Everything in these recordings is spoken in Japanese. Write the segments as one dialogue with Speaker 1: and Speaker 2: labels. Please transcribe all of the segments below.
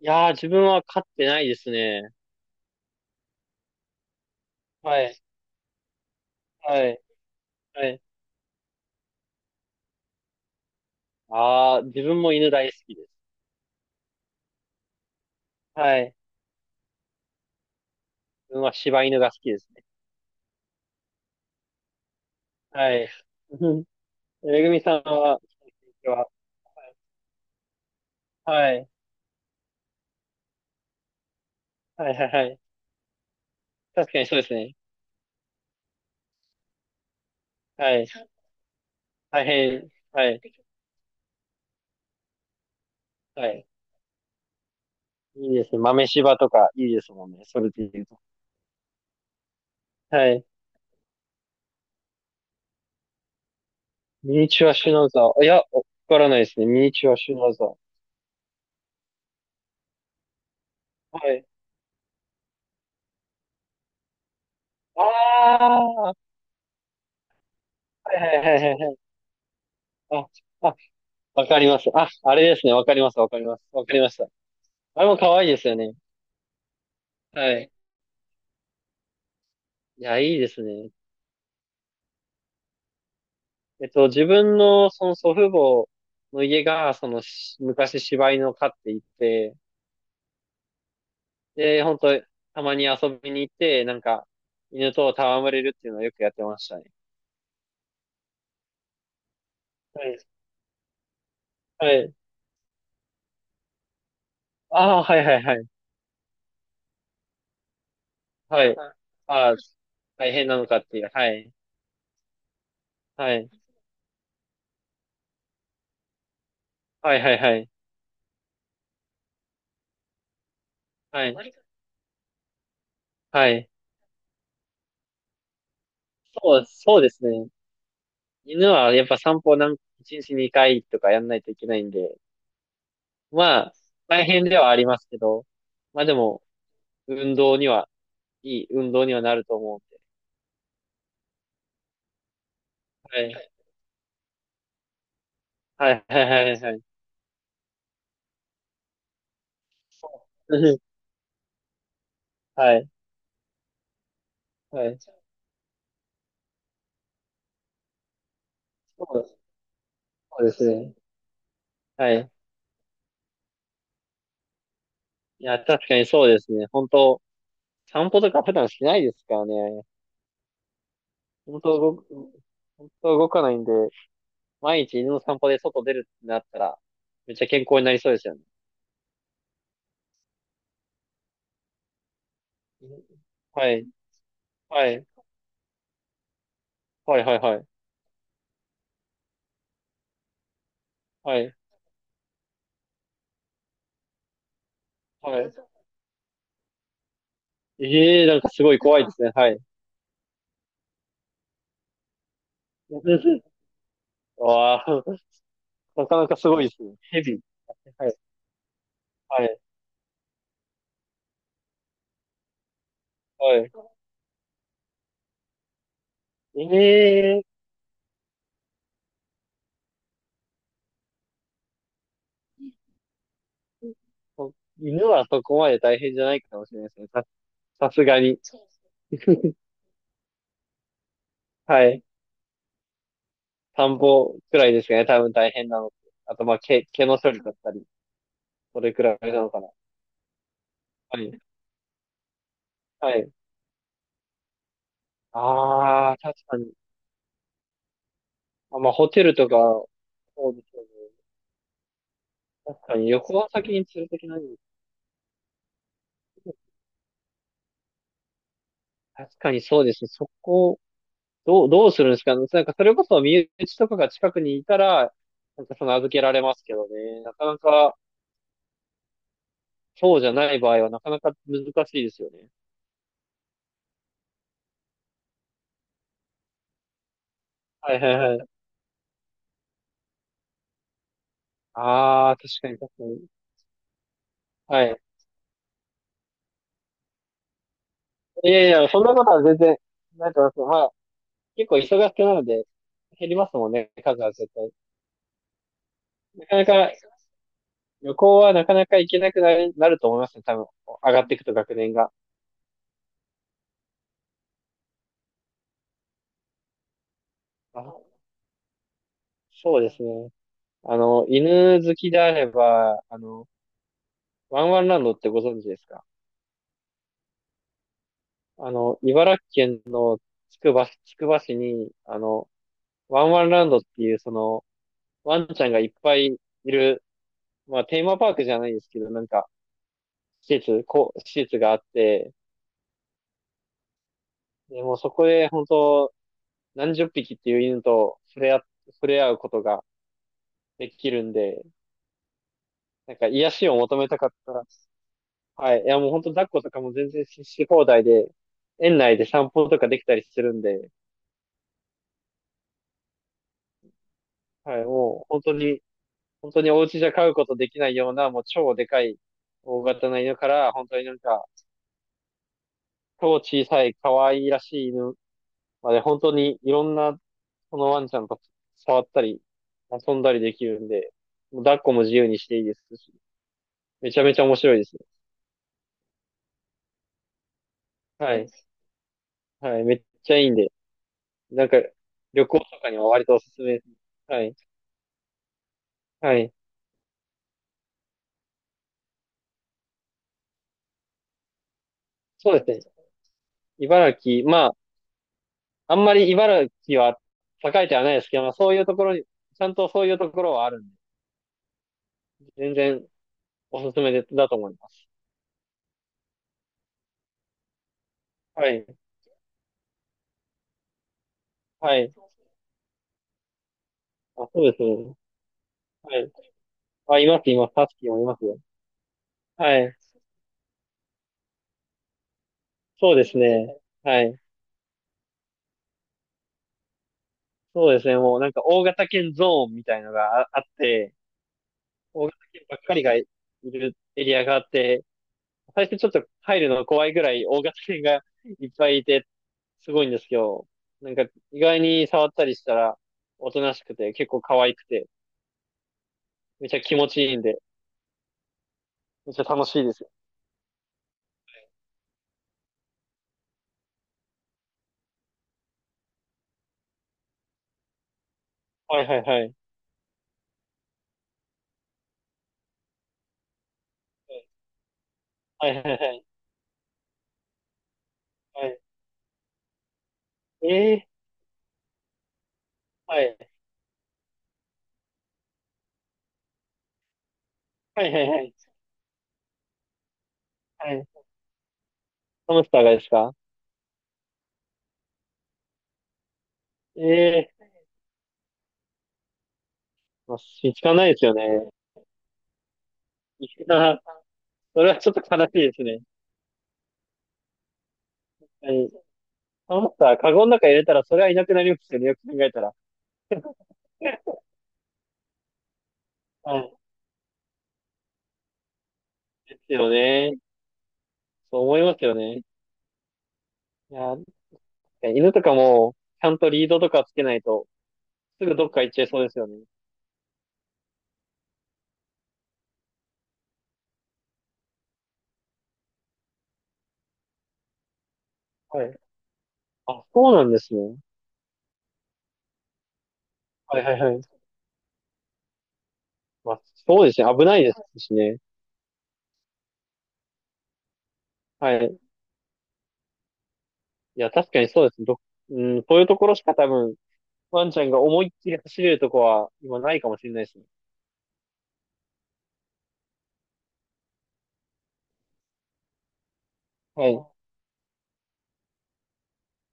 Speaker 1: いやー、自分は飼ってないですね。はい、はい、はい。あー、自分も犬大好きです。はい。自分は柴犬が好きですね。はい。うん。めぐみさんは、は、はい、はい、はい、はい。確かにそうですね。はい。大変、はい、はい。いいですね。豆柴とかいいですもんね。それで言うと。はい。ミニチュアシュナウザー。いや、わからないですね。ミニチュアシュナウザー。はい。あー、はい、はい、はい、はい。はい。あ、わかります。あ、あれですね。わかります。わかります。わかりました。あれも可愛いですよね。はい。いや、いいですね。自分のその祖父母の家が、そのし昔柴犬を飼っていて、で、本当たまに遊びに行って、犬と戯れるっていうのをよくやってましたね。はい。はい。ああ、はいはいはい。はい。ああ、大変なのかっていう。はい。はい。はいはいはい。はい。はい。そう、そうですね。犬はやっぱ散歩なん、一日2回とかやんないといけないんで、まあ、大変ではありますけど、まあでも、運動には、いい運動にはなると思うんで。はい。はい、はい、はい、はい。うん。はい、はい。そう、そうですね。はい。いや、確かにそうですね。本当散歩とか普段しないですからね。本当動く、本当動かないんで、毎日犬の散歩で外出るってなったら、めっちゃ健康になりそうですよね。はい、はい、はい、はい、はい、はい。はい。はい。ええー、なんかすごい怖いですね。はい。わあ、なかなかすごいですね。ヘビ。はい。はい。はい。ええー。犬はそこまで大変じゃないかもしれないですね。さ、さすがに。はい。田んぼくらいですかね。多分大変なのって。あと、まあ、毛、毛の処理だったり、それくらいなのかな。はい。はい。ああ、確かに。あ、まあ、ホテルとか、そうですよね。確かに、旅行先に連れてけない。確かにそうですね。そこどう、どうするんですかね。なんかそれこそ身内とかが近くにいたら、なんかその預けられますけどね。なかなか、そうじゃない場合はなかなか難しいですよね。はいはいはい。ああ、確かに確かに。はい。いやいや、そんなことは全然、なんてますよ。まあ、結構忙しくなるので、減りますもんね、数は絶対。なかなか、旅行はなかなか行けなくなる、なると思いますね、多分。上がっていくと学年が。あ、そうですね。犬好きであれば、ワンワンランドってご存知ですか？あの、茨城県のつくば市に、あの、ワンワンランドっていう、その、ワンちゃんがいっぱいいる、まあ、テーマパークじゃないですけど、なんか、こう、施設があって、でもうそこで、本当何十匹っていう犬と触れ合、触れ合うことができるんで、なんか、癒しを求めたかったら、はい。いや、もう本当抱っことかも全然し放題で、園内で散歩とかできたりするんで、はい、もう本当にお家じゃ飼うことできないような、もう超でかい大型な犬から、本当になんか、超小さい可愛いらしい犬まで、本当にいろんな、このワンちゃんと触ったり、遊んだりできるんで、もう抱っこも自由にしていいですし、めちゃめちゃ面白いですね。はい。はい。めっちゃいいんで、なんか、旅行とかには割とおすすめですね。はい。はい。そうですね。まあ、あんまり茨城は栄えてはないですけど、まあ、そういうところに、ちゃんとそういうところはあるんで、全然おすすめだと思います。はい。はい。あ、そうですね。はい。あ、います。タスキーもいますよ。はい。そうですね。はい。そうですね。もうなんか大型犬ゾーンみたいのがあって、大型犬ばっかりがいるエリアがあって、最初ちょっと入るの怖いぐらい大型犬がいっぱいいて、すごいんですけど、なんか意外に触ったりしたら、おとなしくて、結構可愛くて、めっちゃ気持ちいいんで、めっちゃ楽しいですよ。はいはいはい。はいはいはい。はい。ええ。はい。はいはいはい。はい。ハムスターがですか？ええ。まあ、見つかんないですよね。いや、それはちょっと悲しいですね。はい。ハムスター、カゴの中に入れたらそれはいなくなりますよね。よく考えたら。はい。ですよね。そう思いますよね。いや、犬とかも、ちゃんとリードとかつけないと、すぐどっか行っちゃいそうですよね。はい。あ、そうなんですね。はいはいはい。まあ、そうですね。危ないですしね。はい。いや、確かにそうです。ど、うん、そういうところしか多分、ワンちゃんが思いっきり走れるとこは今ないかもしれないですね。はい。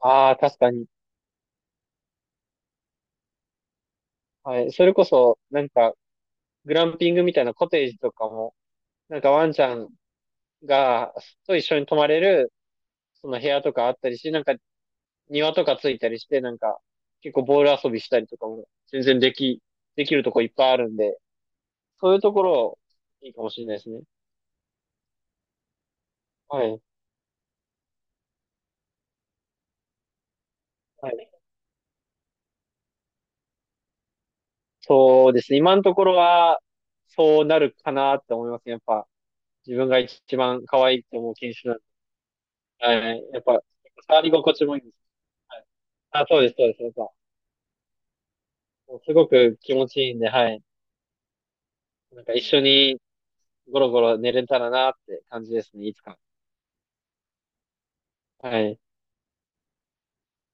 Speaker 1: ああ、確かに。はい。それこそ、なんか、グランピングみたいなコテージとかも、なんかワンちゃんが、と一緒に泊まれる、その部屋とかあったりし、なんか庭とかついたりして、なんか、結構ボール遊びしたりとかも、全然でき、できるとこいっぱいあるんで、そういうところ、いいかもしれないですね。はい。はい。そうですね。今のところは、そうなるかなって思いますね。やっぱ、自分が一番可愛いと思う犬種はい。やっぱ、触り心地もいいです。はい。あ、そうです。やっぱ、もうすごく気持ちいいんで、はい。なんか一緒にゴロゴロ寝れたらなって感じですね、いつか。はい。